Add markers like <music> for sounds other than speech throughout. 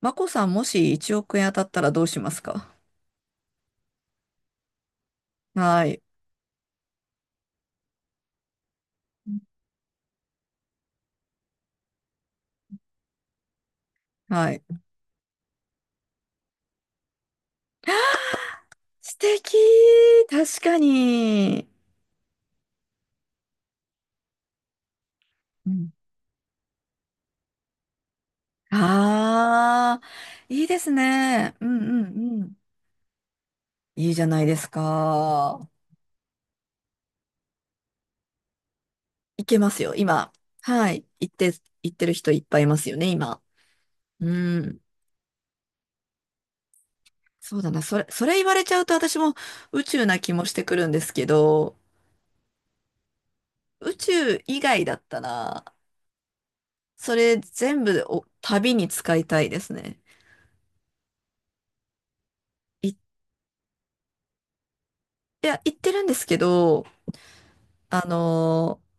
マコさん、もし1億円当たったらどうしますか？はい。はい。素敵。確かに。うん。ああ、いいですね。うんうんうん。いいじゃないですか。いけますよ、今。はい。行ってる人いっぱいいますよね、今。うん。そうだな。それ言われちゃうと私も宇宙な気もしてくるんですけど、宇宙以外だったら、それ全部を旅に使いたいですね。行っいや、行ってるんですけど、あのー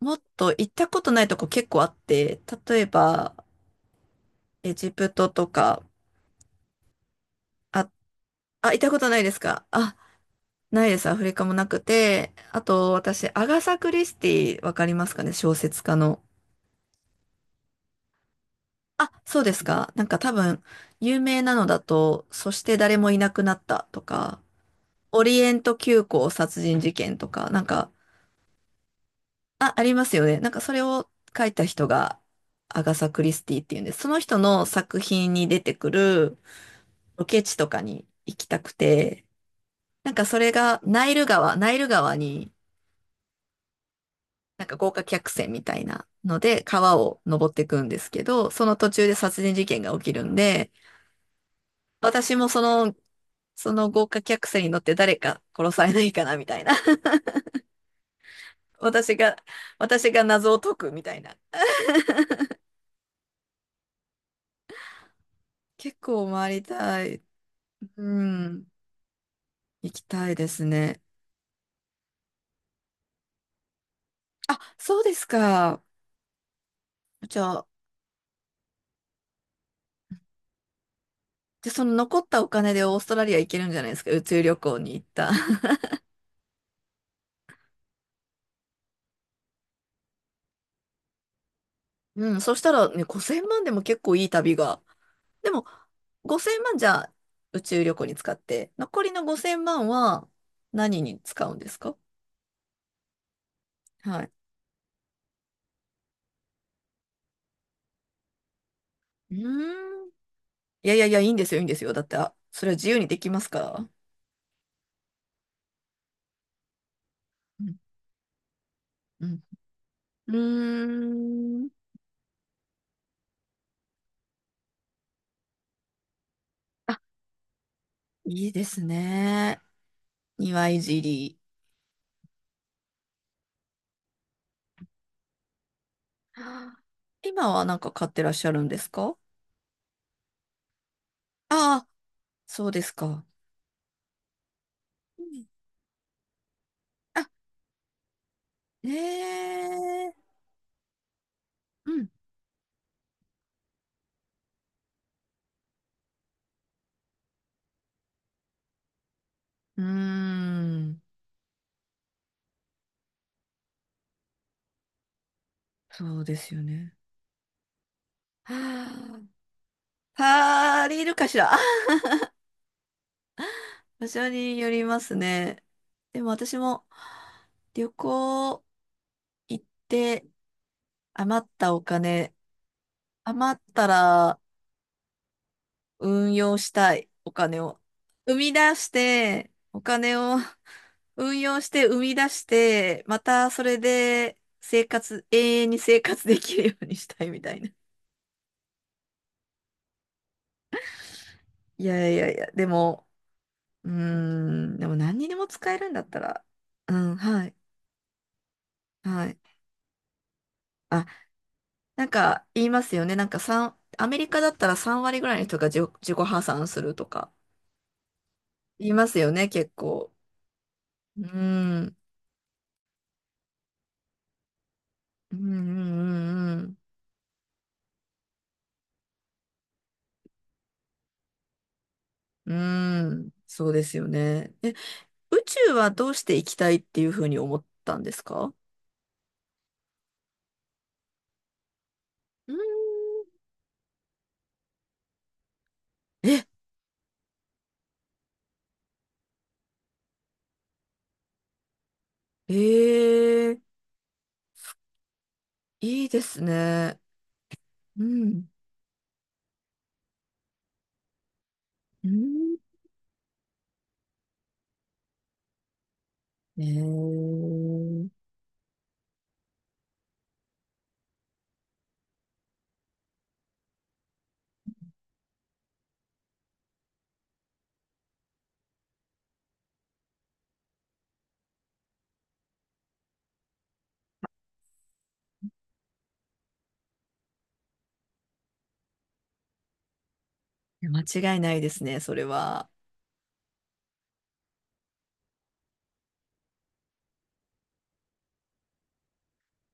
もっと行ったことないとこ結構あって、例えば、エジプトとか、あ、あ、行ったことないですかあ、ないです。アフリカもなくて、あと、私、アガサ・クリスティ、わかりますかね、小説家の。あ、そうですか。なんか多分、有名なのだと、そして誰もいなくなったとか、オリエント急行殺人事件とか、なんか、あ、ありますよね。なんかそれを書いた人がアガサ・クリスティっていうんです。その人の作品に出てくるロケ地とかに行きたくて、なんかそれがナイル川に、なんか豪華客船みたいなので川を登っていくんですけど、その途中で殺人事件が起きるんで、私もその豪華客船に乗って誰か殺されないかなみたいな。<laughs> 私が、私が謎を解くみたいな。結構回りたい。うん。行きたいですね。あ、そうですか。じゃあ、で、その残ったお金でオーストラリア行けるんじゃないですか。宇宙旅行に行った。<laughs> うん、そしたらね、5000万でも結構いい旅が。でも、5000万じゃあ宇宙旅行に使って、残りの5000万は何に使うんですか？はい。うーん。いやいやいや、いいんですよ、いいんですよ。だって、あ、それは自由にできますから。うんうん。うーん。あ、いいですね。庭いじり。あー今はなんか買ってらっしゃるんですか？ああー、そうですか。うんあ、ええうん。うーん。そうですよね。はあ、パーリーいるかしら。あ、場所によりますね。でも私も旅行行って余ったお金、余ったら運用したい。お金を。生み出して、お金を <laughs> 運用して生み出して、またそれで生活、永遠に生活できるようにしたいみたいな。<laughs> いやいやいや、でも、うーん、でも何にでも使えるんだったら、うん、はい、はい。あ、なんか言いますよね。なんかアメリカだったら3割ぐらいの人が自己破産するとか言いますよね、結構。うん、うん、うん、うん。うん、うーん、そうですよね。え、宇宙はどうして行きたいっていうふうに思ったんですか？うーん。え、ええ。いいですね。うん。うん、ええ、間違いないですね、それは。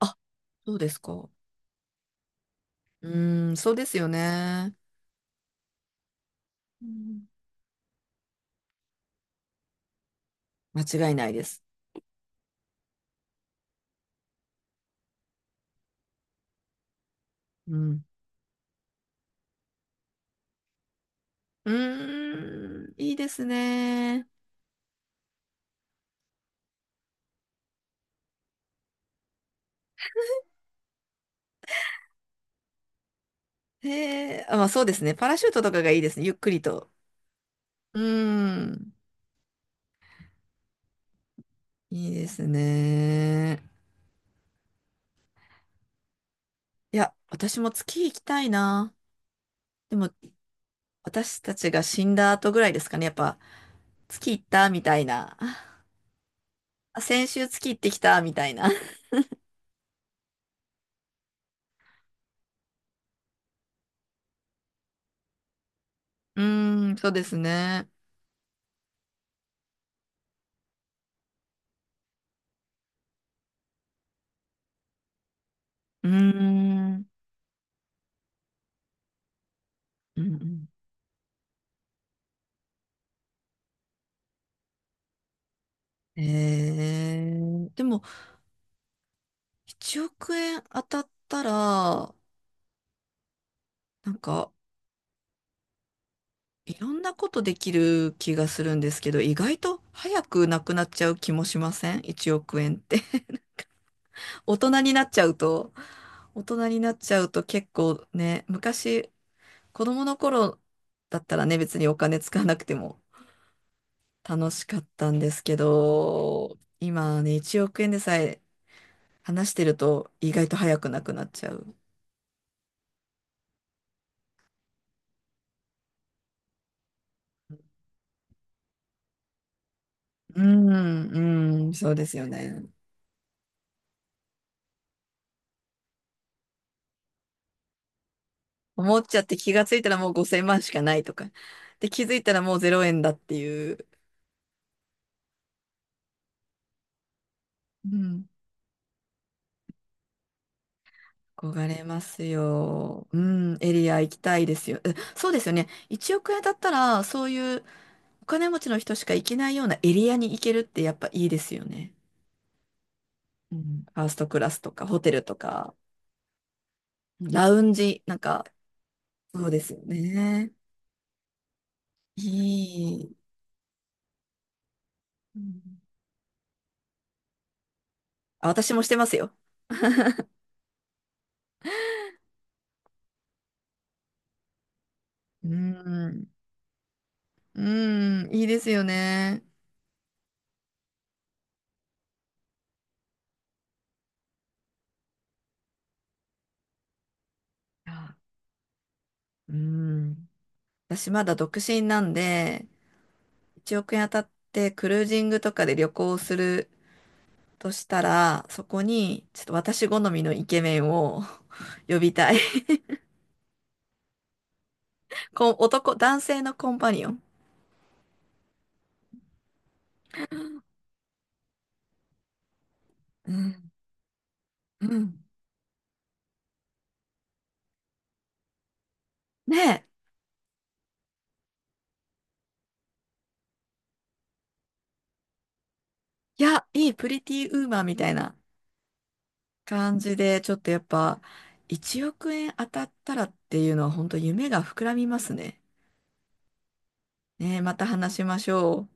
あ、そうですか。うん、そうですよね。うん、間違いないです。うん。うーん、いいですね。へえ、あ、まあそうですね。パラシュートとかがいいですね。ゆっくりと。うーん。いいですね。いや、私も月行きたいな。でも、私たちが死んだ後ぐらいですかね。やっぱ、月行ったみたいな。あ、先週月行ってきたみたいな。<laughs> うーん、そうですね。うーん。うんうん、えでも、1億円当たったら、なんか、いろんなことできる気がするんですけど、意外と早くなくなっちゃう気もしません？ 1 億円って。<laughs> 大人になっちゃうと。大人になっちゃうと結構ね、昔、子供の頃だったらね、別にお金使わなくても楽しかったんですけど、今はね、1億円でさえ話してると意外と早くなくなっちゃう。うん、うん、そうですよね。思っちゃって気がついたらもう5000万しかないとか。で、気づいたらもう0円だっていう。うん。憧れますよ。うん、エリア行きたいですよ。え、そうですよね。1億円だったら、そういうお金持ちの人しか行けないようなエリアに行けるってやっぱいいですよね。うん、ファーストクラスとか、ホテルとか、ラウンジ、なんか、そうですよね。いい。うんあ、私もしてますよ。うん。うん、いいですよね。あうん。私まだ独身なんで、1億円当たってクルージングとかで旅行するとしたら、そこにちょっと私好みのイケメンを <laughs> 呼びたい。こう男性のコンパニオン。うん。うん、ねえ。いや、いい、プリティウーマンみたいな感じで、ちょっとやっぱ、1億円当たったらっていうのは、本当夢が膨らみますね。ねえ、また話しましょう。